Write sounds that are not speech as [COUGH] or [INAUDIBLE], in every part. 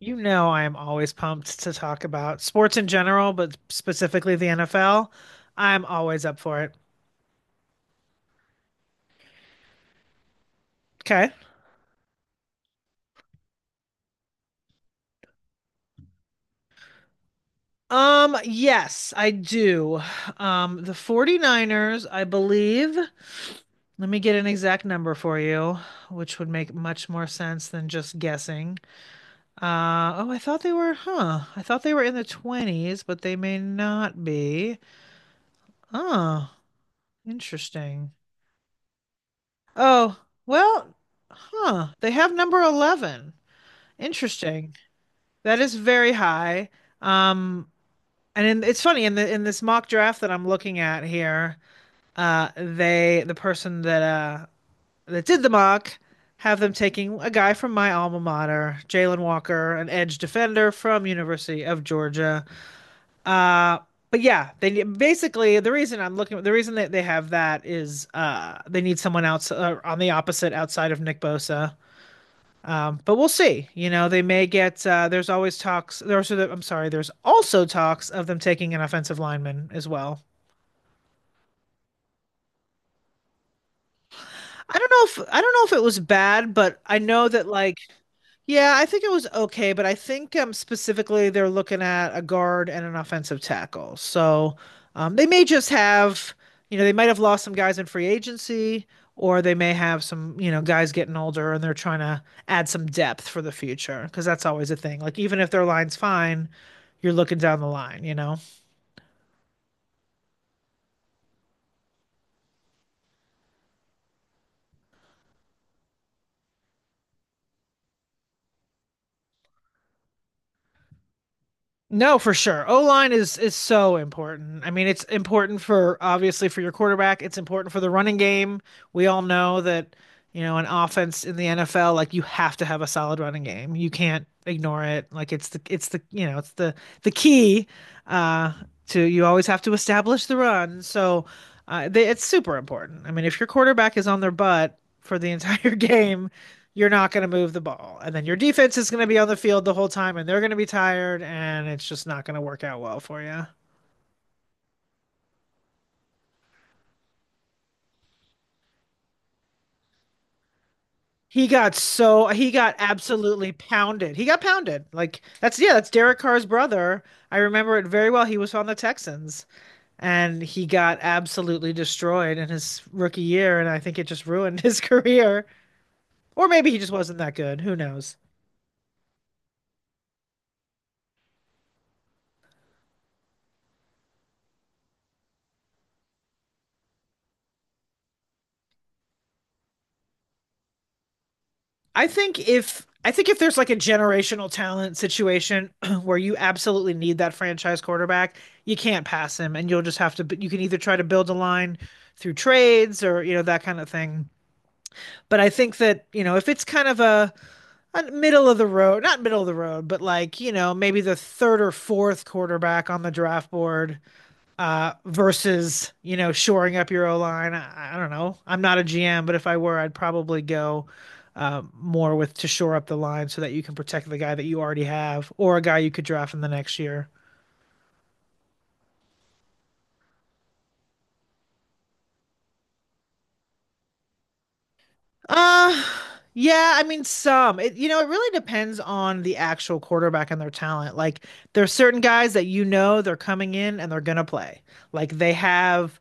You know, I am always pumped to talk about sports in general, but specifically the NFL. I'm always up for it. Okay. Yes, I do. The 49ers, I believe. Let me get an exact number for you, which would make much more sense than just guessing. Oh, I thought they were, huh. I thought they were in the 20s, but they may not be. Oh, interesting. Oh, well, huh. They have number 11. Interesting. That is very high. Um, it's funny in the in this mock draft that I'm looking at here, the person that did the mock have them taking a guy from my alma mater, Jalen Walker, an edge defender from University of Georgia. Uh, but yeah, they basically the reason that they have that is they need someone else on the opposite outside of Nick Bosa. But we'll see. You know, they may get. There's always talks. There's. I'm sorry. There's also talks of them taking an offensive lineman as well. I don't I don't know if it was bad, but I know that like yeah, I think it was okay, but I think specifically they're looking at a guard and an offensive tackle. So they may just have, you know, they might have lost some guys in free agency, or they may have some, you know, guys getting older and they're trying to add some depth for the future because that's always a thing. Like even if their line's fine, you're looking down the line, you know? No, for sure. O-line is so important. I mean, it's important for obviously for your quarterback, it's important for the running game. We all know that, you know, an offense in the NFL, like you have to have a solid running game. You can't ignore it. Like it's the, you know, it's the key uh to you always have to establish the run. So, it's super important. I mean, if your quarterback is on their butt for the entire [LAUGHS] game, you're not going to move the ball. And then your defense is going to be on the field the whole time and they're going to be tired and it's just not going to work out well for you. He got absolutely pounded. He got pounded. Like that's yeah, that's Derek Carr's brother. I remember it very well. He was on the Texans and he got absolutely destroyed in his rookie year and I think it just ruined [LAUGHS] his career. Or maybe he just wasn't that good. Who knows? I think if there's like a generational talent situation [CLEARS THROAT] where you absolutely need that franchise quarterback, you can't pass him, and you'll just have to. You can either try to build a line through trades or you know that kind of thing. But I think that you know if it's kind of a middle of the road, not middle of the road, but like you know maybe the third or fourth quarterback on the draft board versus, you know, shoring up your O line. I don't know. I'm not a GM, but if I were, I'd probably go more with to shore up the line so that you can protect the guy that you already have or a guy you could draft in the next year. Uh, yeah, I mean, some. It, you know, it really depends on the actual quarterback and their talent. Like, there are certain guys that you know they're coming in and they're gonna play. Like, they have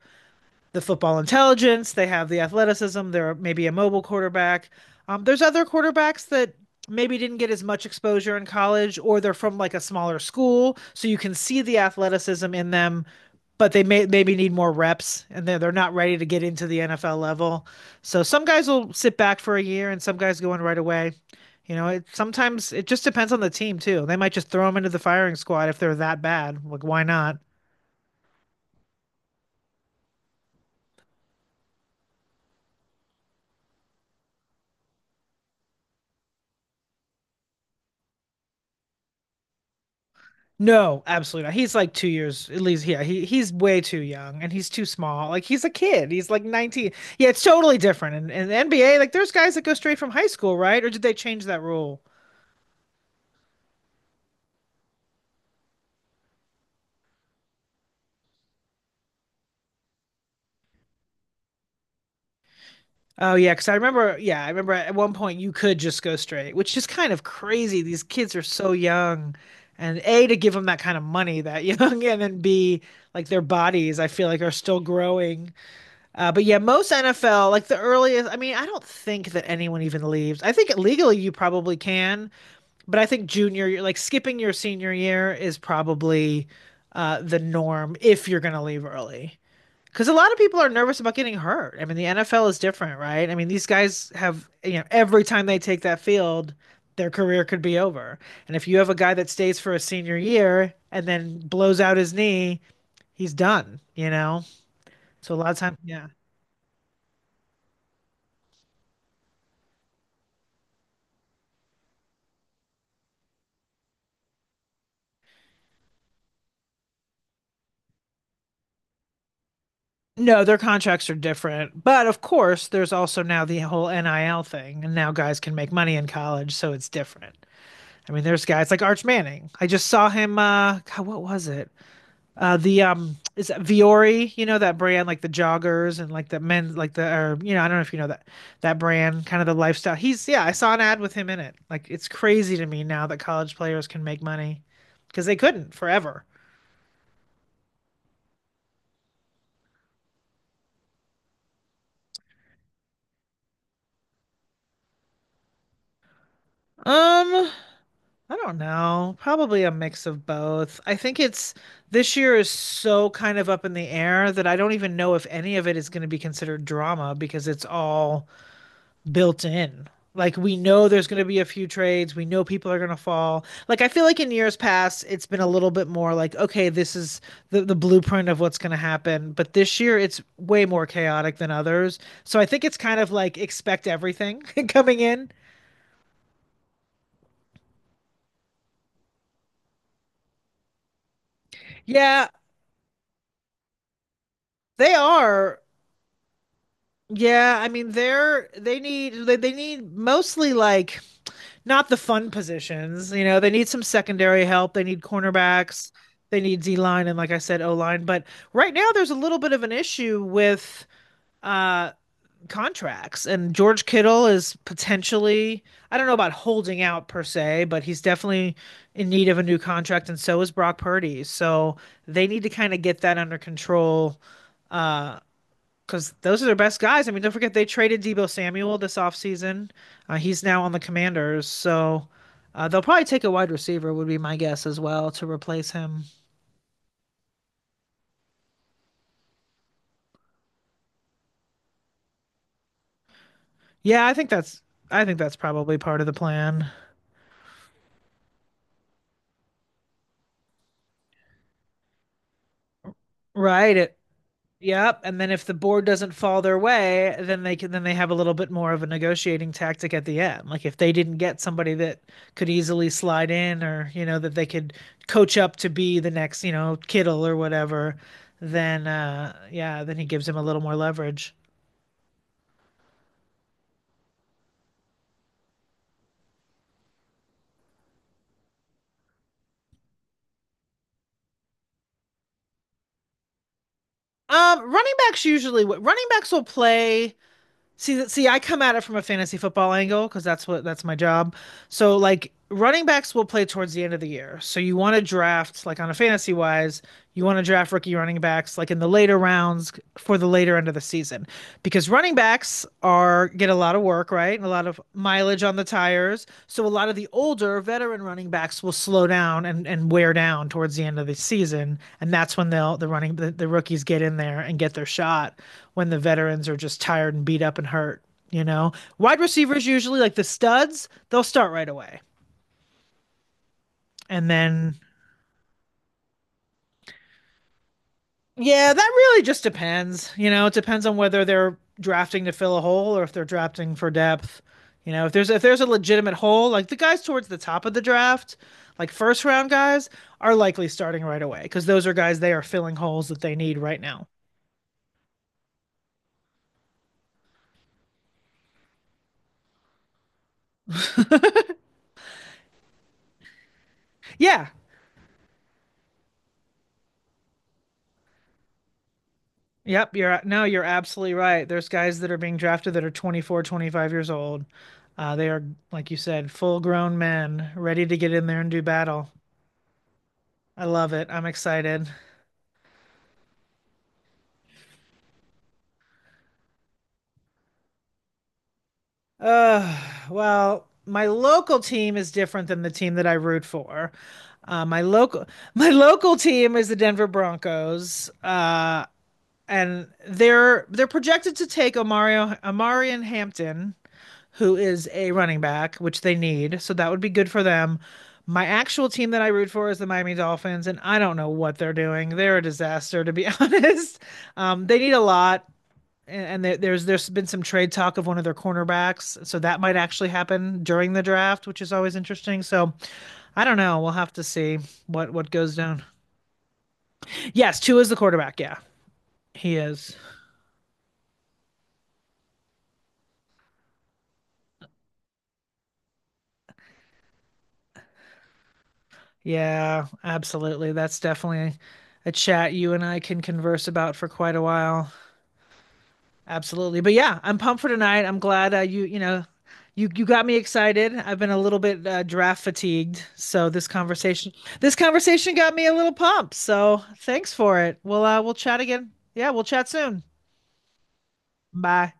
the football intelligence, they have the athleticism, they're maybe a mobile quarterback. There's other quarterbacks that maybe didn't get as much exposure in college or they're from like a smaller school, so you can see the athleticism in them, but they may maybe need more reps and they're not ready to get into the NFL level. So some guys will sit back for a year and some guys go in right away. You know, it sometimes it just depends on the team too. They might just throw them into the firing squad if they're that bad. Like, why not? No, absolutely not. He's like 2 years at least. Yeah, he's way too young and he's too small. Like he's a kid. He's like 19. Yeah, it's totally different. And the NBA, like there's guys that go straight from high school, right? Or did they change that rule? Oh yeah, because I remember. Yeah, I remember at one point you could just go straight, which is kind of crazy. These kids are so young, and A to give them that kind of money that young, [LAUGHS] and then B like their bodies, I feel like are still growing. But yeah, most NFL, like the earliest, I mean, I don't think that anyone even leaves. I think legally you probably can, but I think junior year, like skipping your senior year is probably the norm if you're going to leave early. Because a lot of people are nervous about getting hurt. I mean, the NFL is different, right? I mean, these guys have, you know, every time they take that field, their career could be over. And if you have a guy that stays for a senior year and then blows out his knee, he's done, you know? So a lot of times, yeah. No, their contracts are different. But of course, there's also now the whole NIL thing, and now guys can make money in college, so it's different. I mean, there's guys like Arch Manning. I just saw him God, what was it? The Is it Viore, you know that brand like the joggers and like the men like the or you know, I don't know if you know that that brand, kind of the lifestyle. He's yeah, I saw an ad with him in it. Like it's crazy to me now that college players can make money because they couldn't forever. Um I don't know. Probably a mix of both. I think it's This year is so kind of up in the air that I don't even know if any of it is going to be considered drama because it's all built in. Like we know there's going to be a few trades, we know people are going to fall. Like I feel like in years past it's been a little bit more like okay, this is the blueprint of what's going to happen, but this year it's way more chaotic than others. So I think it's kind of like expect everything [LAUGHS] coming in. Yeah, they are. Yeah, I mean they need mostly like not the fun positions, you know, they need some secondary help, they need cornerbacks, they need D line and like I said, O line. But right now there's a little bit of an issue with uh contracts and George Kittle is potentially I don't know about holding out per se, but he's definitely in need of a new contract and so is Brock Purdy. So they need to kind of get that under control uh because those are their best guys. I mean, don't forget they traded Debo Samuel this offseason. He's now on the Commanders, so they'll probably take a wide receiver, would be my guess as well, to replace him. Yeah, I think that's I think that's probably part of the plan. Right. It Yep, and then if the board doesn't fall their way, then they have a little bit more of a negotiating tactic at the end. Like if they didn't get somebody that could easily slide in or, you know, that they could coach up to be the next, you know, Kittle or whatever, then yeah, then he gives him a little more leverage. Running backs will play I come at it from a fantasy football angle because that's my job. So, like, running backs will play towards the end of the year. So, you want to draft, like, on a fantasy wise, you want to draft rookie running backs, like, in the later rounds for the later end of the season because running backs are get a lot of work, right? And a lot of mileage on the tires. So, a lot of the older veteran running backs will slow down and wear down towards the end of the season. And that's when the rookies get in there and get their shot when the veterans are just tired and beat up and hurt, you know? Wide receivers usually like the studs, they'll start right away. And then yeah, that really just depends. You know, it depends on whether they're drafting to fill a hole or if they're drafting for depth. You know, if there's a legitimate hole, like the guys towards the top of the draft, like first round guys, are likely starting right away because those are guys they are filling holes that they need right now. Yeah, yep, you're no, you're absolutely right. There's guys that are being drafted that are 24, 25 years old. Uh, they are, like you said, full grown men ready to get in there and do battle. I love it. I'm excited. Uh, my local team is different than the team that I root for. My local [LAUGHS] My local team is the Denver Broncos. And they're projected to take Omarion Hampton who is a running back, which they need. So that would be good for them. My actual team that I root for is the Miami Dolphins, and I don't know what they're doing. They're a disaster, to be [LAUGHS] honest. They need a lot, and there's been some trade talk of one of their cornerbacks, so that might actually happen during the draft, which is always interesting. So I don't know. We'll have to see what goes down. Yes, two is the quarterback. Yeah, he is. Yeah, absolutely. That's definitely a chat you and I can converse about for quite a while. Absolutely. But yeah, I'm pumped for tonight. I'm glad you, you know, you got me excited. I've been a little bit draft fatigued, so this conversation got me a little pumped. So, thanks for it. We'll chat again. Yeah, we'll chat soon. Bye.